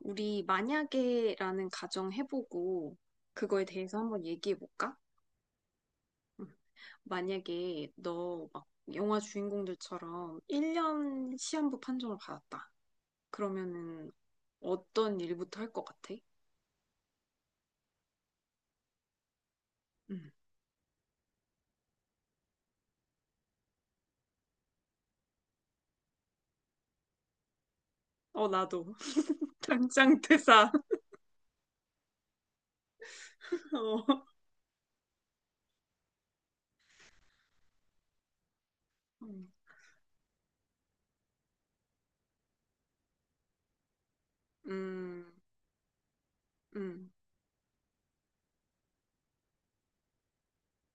우리 만약에라는 가정 해보고 그거에 대해서 한번 얘기해 볼까? 만약에 너 막 영화 주인공들처럼 1년 시한부 판정을 받았다. 그러면은 어떤 일부터 할 것 같아? 음. 어, 나도. 당장 퇴사. 어. 음. 음. 음.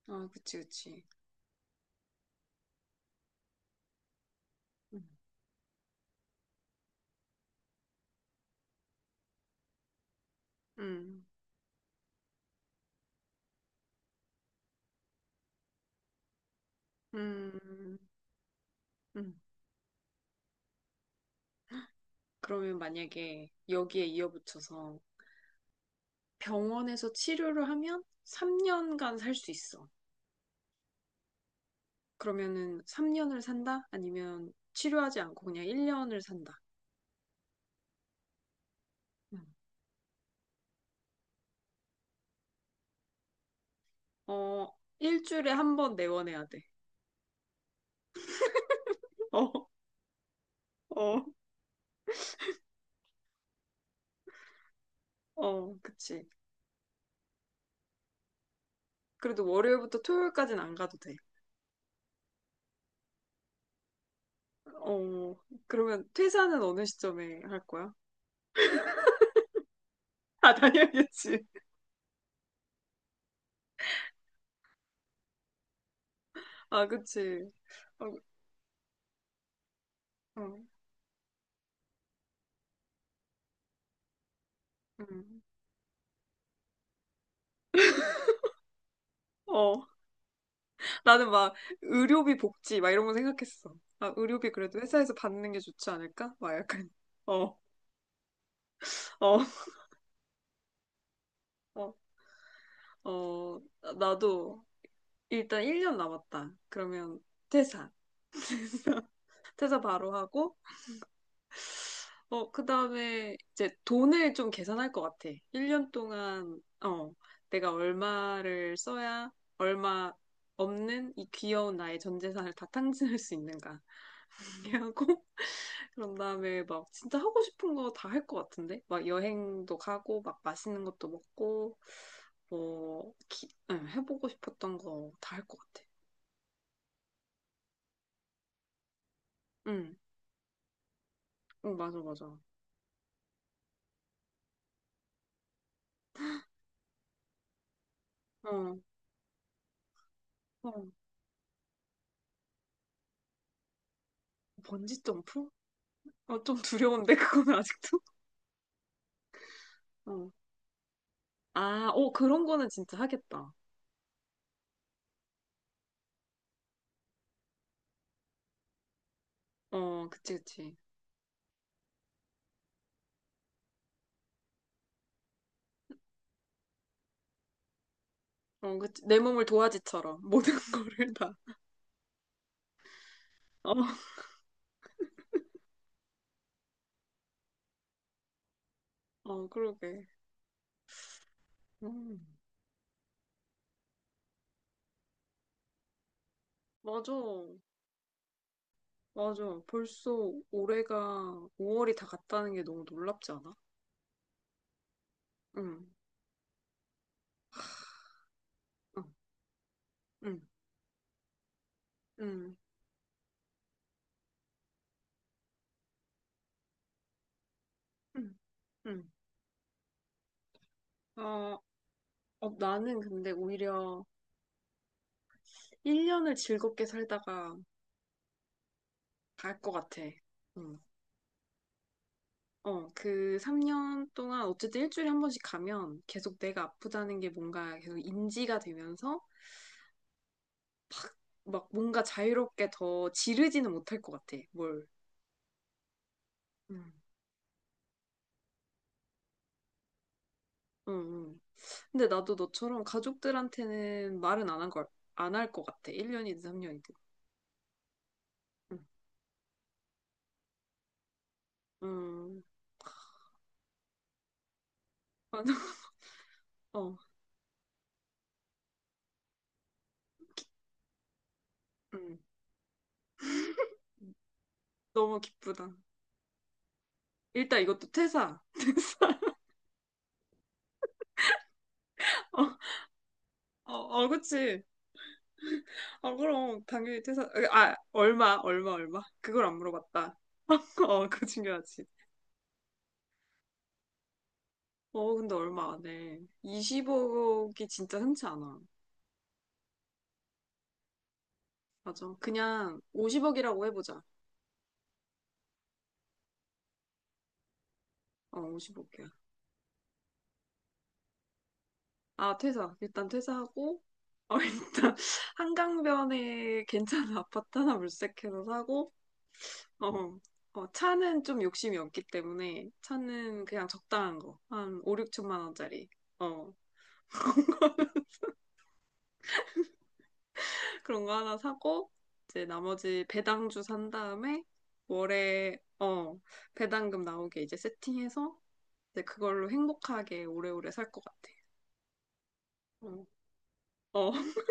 아, 그치, 그치. 음. 음. 음. 음. 그러면 만약에 여기에 이어붙여서 병원에서 치료를 하면 3년간 살 수 있어. 그러면은 3년을 산다? 아니면 치료하지 않고 그냥 1년을 산다. 음. 어, 일주일에 한 번 내원해야 돼. 어, 어, 어, 그치. 그래도 월요일부터 토요일까지는 안 가도 돼. 어, 그러면 퇴사는 어느 시점에 할 거야? 아, 당연겠지. 아, 그치. 어, 어, 음. 어. 나는 막 의료비 복지 막 이런 거 생각했어. 아, 의료비 그래도 회사에서 받는 게 좋지 않을까? 막 약간. 어, 어, 어, 어, 나도 일단 1년 남았다. 그러면 퇴사. 퇴사 바로 하고 어, 그다음에 이제 돈을 좀 계산할 것 같아. 1년 동안 어, 내가 얼마를 써야 얼마 없는 이 귀여운 나의 전 재산을 다 탕진할 수 있는가 하고 그런 다음에 막 진짜 하고 싶은 거 다 할 것 같은데? 막 여행도 가고, 막 맛있는 것도 먹고, 뭐, 응, 해보고 싶었던 거 다 할 것 같아. 응, 응, 맞아, 맞아. 어, 어. 번지 점프? 어, 좀 두려운데, 그거는 아직도? 어. 아, 어, 그런 거는 진짜 하겠다. 어, 그치, 그치. 어, 그치. 내 몸을 도화지처럼 모든 거를 다. 어, 어, 그러게. 음, 맞아. 맞아. 벌써 올해가 5월이 다 갔다는 게 너무 놀랍지 않아? 응, 응, 응, 응, 응, 응. 어, 어, 나는 근데 오히려 1년을 즐겁게 살다가 갈 것 같아. 응. 어, 그 3년 동안 어쨌든 일주일에 한 번씩 가면 계속 내가 아프다는 게 뭔가 계속 인지가 되면서 막 뭔가 자유롭게 더 지르지는 못할 것 같아. 뭘. 응, 응, 응. 근데 나도 너처럼 가족들한테는 말은 안 한 걸, 안 할 것 같아. 1년이든 3년이든. 응. 음, 맞아. 어, 음. 너무 기쁘다. 일단 이것도 퇴사. 퇴사. 어, 어, 어, 그치. 어, 그럼, 당연히 퇴사. 아, 아, 얼마, 얼마, 얼마. 그걸 안 물어봤다. 어, 그거 중요하지. 어, 근데 얼마 안 해. 20억이 진짜 흔치 않아. 맞아. 그냥 50억이라고 해보자. 어, 50억이야. 아, 퇴사. 일단 퇴사하고, 어, 일단 한강변에 괜찮은 아파트 하나 물색해서 사고, 어, 어, 차는 좀 욕심이 없기 때문에 차는 그냥 적당한 거. 한 5, 6천만 원짜리. 어, 그런 거 하나 사고, 이제 나머지 배당주 산 다음에 월에, 어, 배당금 나오게 이제 세팅해서 이제 그걸로 행복하게 오래오래 살 것 같아. 어, 어,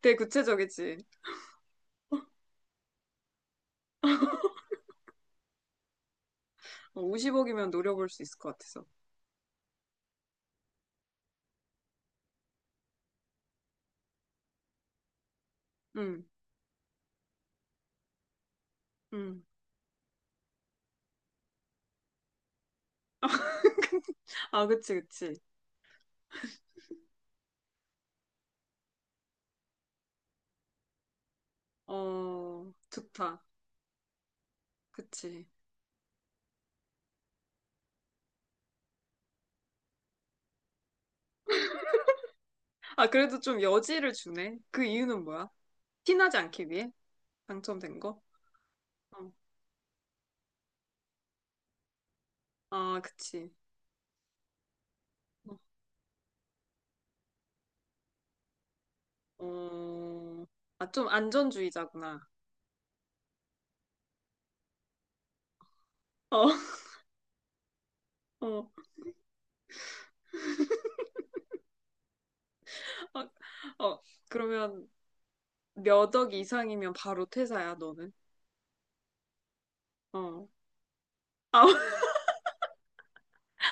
되게 구체적이지. 어, 50억이면 노려볼 수 있을 것 같아서. 응, 응. 아, 그치, 그치. 어, 좋다. 그치. 아, 그래도 좀 여지를 주네. 그 이유는 뭐야? 티나지 않기 위해? 당첨된 거? 어. 아, 그치. 어, 아, 좀 안전주의자구나. 어, 어, 어, 어. 그러면 몇 억 이상이면 바로 퇴사야, 너는? 어. 아,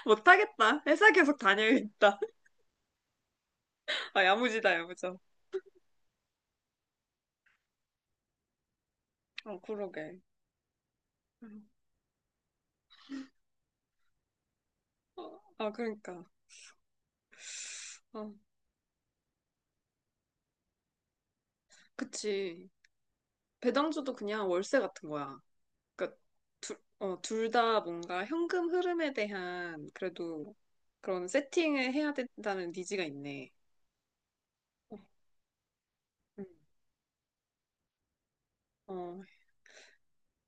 못하겠다. 회사 계속 다녀야겠다. 아, 야무지다, 야무져. 어, 그러게. 어, 아, 그러니까. 어, 그치. 배당주도 그냥 월세 같은 거야. 그러니까 둘 다 뭔가 현금 흐름에 대한 그래도 그런 세팅을 해야 된다는 니즈가 있네. 어, 음. 어,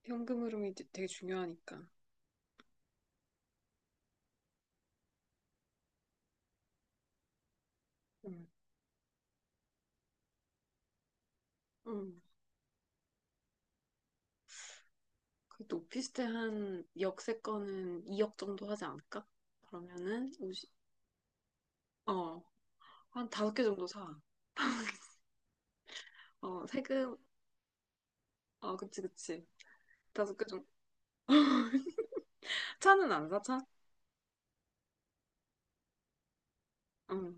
현금 흐름이 되게 중요하니까. 음. 음. 그래도 오피스텔 한 역세권은 2억 정도 하지 않을까? 그러면은 50, 어, 한 다섯 개 정도 사. 어, 세금, 어, 그치, 그치. 다섯 개 정도. 차는 안 사, 차? 응.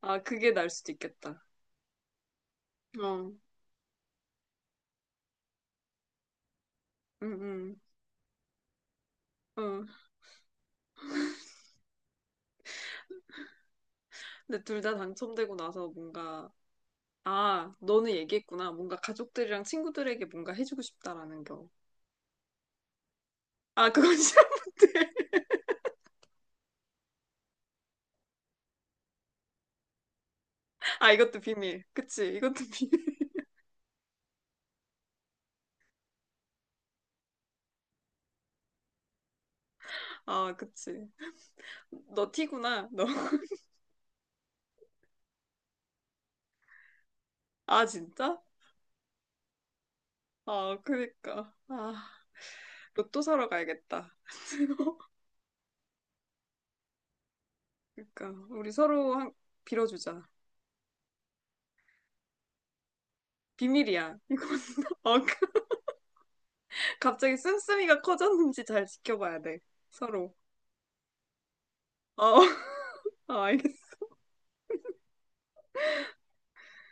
아, 그게 날 수도 있겠다. 어, 응, 응. 어. 근데 둘 다 당첨되고 나서 뭔가, 아, 너는 얘기했구나. 뭔가 가족들이랑 친구들에게 뭔가 해주고 싶다라는 거. 아, 그건 싫었는데. 아, 이것도 비밀. 그치, 이것도 비밀. 아, 그치. 너 티구나, 너. 아, 진짜? 아, 그니까. 아, 로또 사러 가야겠다. 그니까, 우리 서로 한, 빌어주자. 비밀이야. 이건, 어, 갑자기 씀씀이가 커졌는지 잘 지켜봐야 돼. 서로. 어, 어, 알겠어.